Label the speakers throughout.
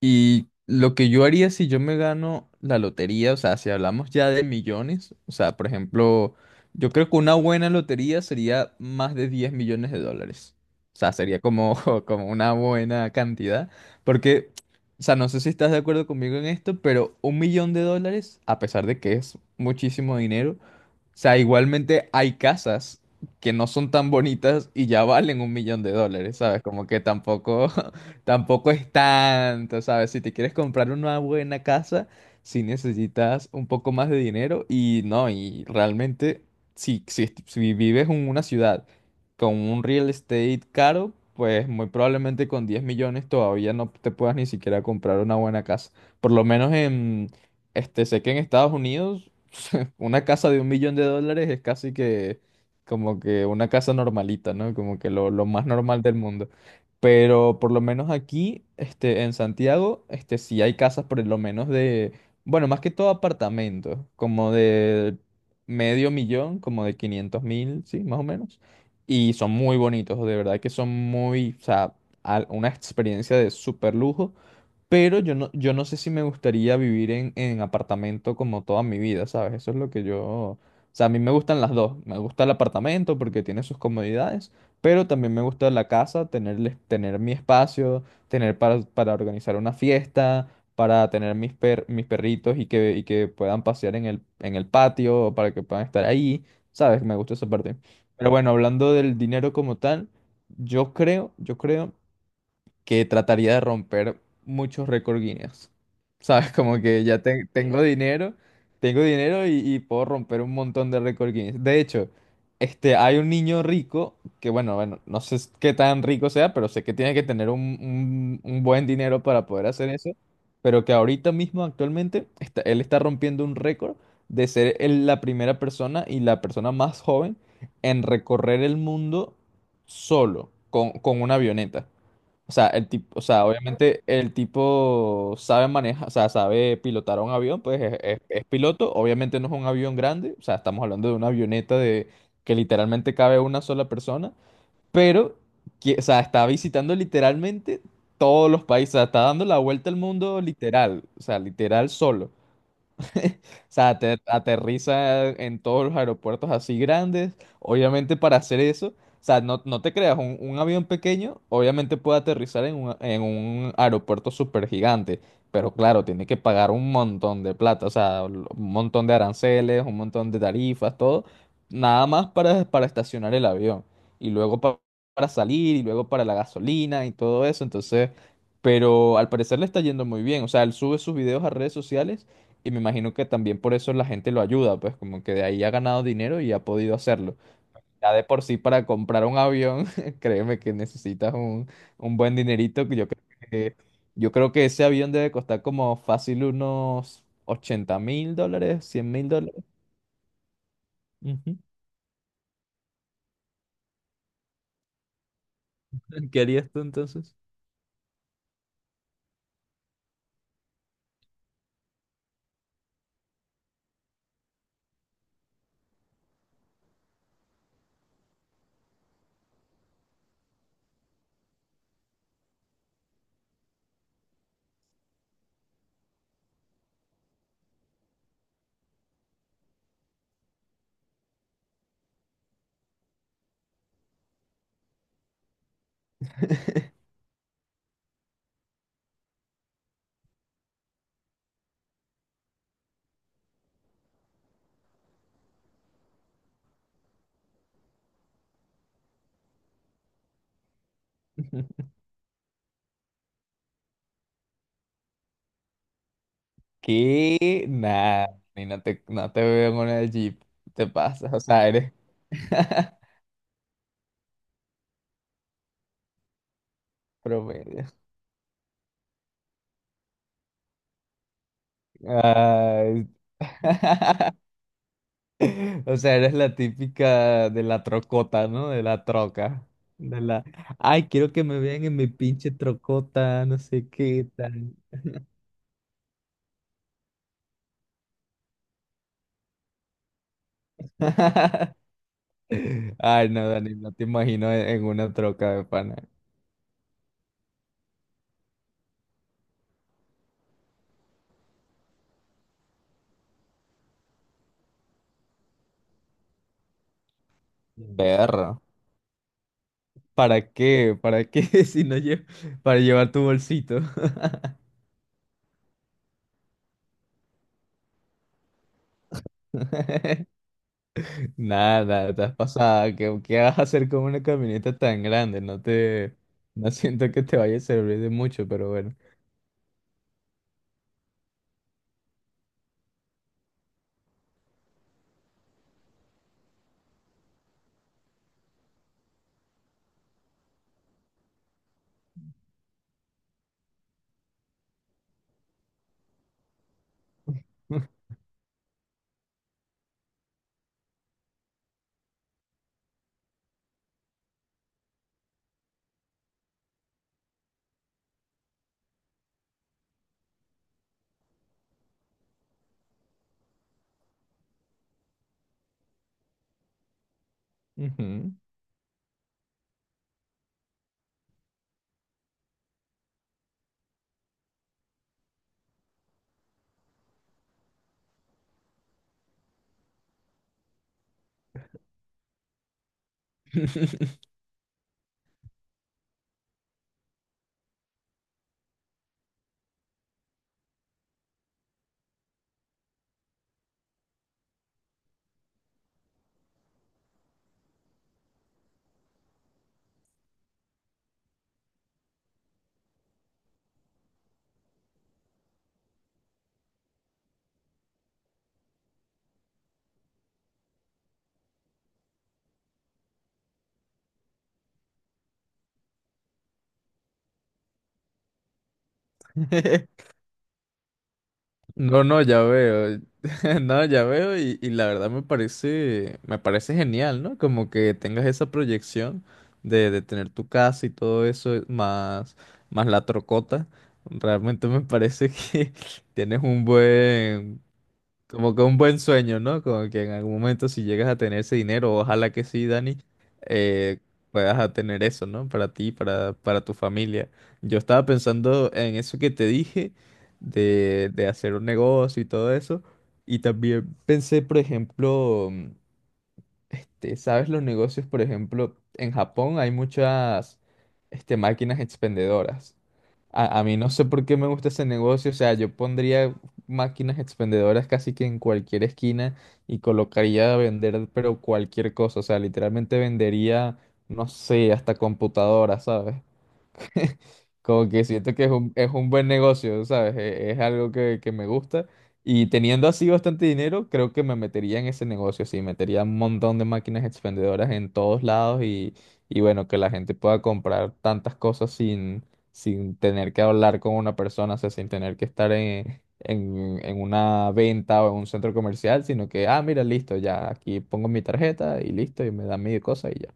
Speaker 1: Y lo que yo haría si yo me gano la lotería, o sea, si hablamos ya de millones, o sea, por ejemplo, yo creo que una buena lotería sería más de $10 millones. O sea, sería como, como una buena cantidad. Porque, o sea, no sé si estás de acuerdo conmigo en esto, pero $1 millón, a pesar de que es muchísimo dinero, o sea, igualmente hay casas que no son tan bonitas y ya valen $1 millón, ¿sabes? Como que tampoco, tampoco es tanto, ¿sabes? Si te quieres comprar una buena casa, sí necesitas un poco más de dinero y no, y realmente, si vives en una ciudad con un real estate caro, pues muy probablemente con 10 millones todavía no te puedas ni siquiera comprar una buena casa. Por lo menos en, este, Sé que en Estados Unidos... una casa de $1 millón es casi que como que una casa normalita, ¿no? Como que lo más normal del mundo. Pero por lo menos aquí, este, en Santiago, este, sí hay casas por lo menos de, bueno, más que todo apartamentos, como de medio millón, como de 500.000, sí, más o menos. Y son muy bonitos, de verdad que son muy, o sea, una experiencia de súper lujo. Pero yo no sé si me gustaría vivir en apartamento como toda mi vida, ¿sabes? Eso es lo que yo... O sea, a mí me gustan las dos. Me gusta el apartamento porque tiene sus comodidades, pero también me gusta la casa, tener, tener mi espacio, tener para organizar una fiesta, para tener mis perritos y que puedan pasear en en el patio, para que puedan estar ahí, ¿sabes? Me gusta esa parte. Pero bueno, hablando del dinero como tal, yo creo que trataría de romper muchos récord Guinness. ¿Sabes? Como que tengo dinero y puedo romper un montón de récord Guinness. De hecho, este, hay un niño rico que, bueno, no sé s- qué tan rico sea, pero sé que tiene que tener un buen dinero para poder hacer eso. Pero que ahorita mismo, actualmente, él está rompiendo un récord de ser la primera persona y la persona más joven en recorrer el mundo solo, con una avioneta. O sea, el tipo, o sea, obviamente el tipo sabe manejar, o sea, sabe pilotar un avión, pues es piloto. Obviamente no es un avión grande, o sea, estamos hablando de una avioneta de que literalmente cabe una sola persona, pero, o sea, está visitando literalmente todos los países, o sea, está dando la vuelta al mundo literal, o sea, literal solo. O sea, aterriza en todos los aeropuertos así grandes. Obviamente para hacer eso, o sea, no te creas, un avión pequeño obviamente puede aterrizar en en un aeropuerto súper gigante, pero claro, tiene que pagar un montón de plata, o sea, un montón de aranceles, un montón de tarifas, todo, nada más para estacionar el avión. Y para salir, y luego para la gasolina y todo eso, entonces... Pero al parecer le está yendo muy bien. O sea, él sube sus videos a redes sociales y me imagino que también por eso la gente lo ayuda, pues como que de ahí ha ganado dinero y ha podido hacerlo. Ya de por sí para comprar un avión, créeme que necesitas un buen dinerito. Que, yo creo que ese avión debe costar como fácil unos $80.000, $100.000. Ujú. ¿Qué harías tú entonces? ¿Qué? Nada, ni no te, no te veo en una Jeep. Te pasas, o sea, eres promedio. Ay. O sea, eres la típica de la trocota, ¿no? De la troca. De la, ay, quiero que me vean en mi pinche trocota, no sé qué tal. Ay, no, Dani, no te imagino en una troca de pana. Perro. ¿Para qué? ¿Para qué si no llevo? Para llevar tu bolsito. Nada, estás pasada. ¿Qué vas a hacer con una camioneta tan grande? No siento que te vaya a servir de mucho, pero bueno. Ujú. No, no, ya veo. No, ya veo y la verdad me parece genial, ¿no? Como que tengas esa proyección de tener tu casa y todo eso, más la trocota. Realmente me parece que tienes como que un buen sueño, ¿no? Como que en algún momento si llegas a tener ese dinero, ojalá que sí, Dani, eh, puedas a tener eso, ¿no? Para ti, para tu familia. Yo estaba pensando en eso que te dije, de hacer un negocio y todo eso. Y también pensé, por ejemplo, este, ¿sabes los negocios? Por ejemplo, en Japón hay muchas, este, máquinas expendedoras. A mí no sé por qué me gusta ese negocio, o sea, yo pondría máquinas expendedoras casi que en cualquier esquina y colocaría a vender, pero cualquier cosa, o sea, literalmente vendería, no sé, hasta computadoras, ¿sabes? Como que siento que es un buen negocio, ¿sabes? Es, algo que me gusta. Y teniendo así bastante dinero, creo que me metería en ese negocio, sí. Metería un montón de máquinas expendedoras en todos lados y bueno, que la gente pueda comprar tantas cosas sin, sin tener que hablar con una persona, o sea, sin tener que estar en una venta o en un centro comercial, sino que, ah, mira, listo, ya aquí pongo mi tarjeta y listo, y me da mi cosa y ya.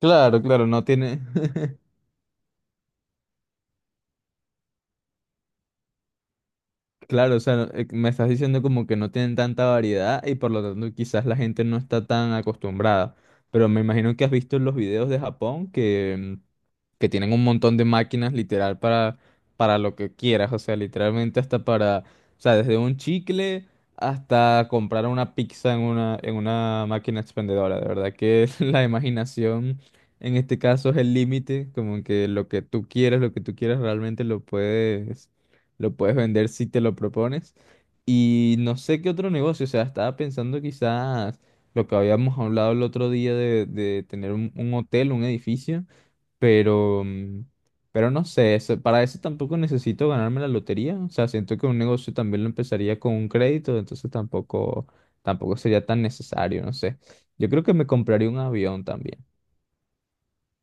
Speaker 1: Claro, claro, no tiene. Claro, o sea, me estás diciendo como que no tienen tanta variedad y por lo tanto quizás la gente no está tan acostumbrada. Pero me imagino que has visto los videos de Japón que, mm, que tienen un montón de máquinas literal para lo que quieras. O sea, literalmente hasta para, o sea, desde un chicle hasta comprar una pizza en una máquina expendedora. De verdad que la imaginación en este caso es el límite, como que lo que tú quieres realmente lo puedes vender si te lo propones. Y no sé qué otro negocio, o sea, estaba pensando quizás lo que habíamos hablado el otro día de tener un hotel, un edificio, pero, mm, pero no sé, para eso tampoco necesito ganarme la lotería, o sea, siento que un negocio también lo empezaría con un crédito, entonces tampoco, tampoco sería tan necesario, no sé. Yo creo que me compraría un avión también.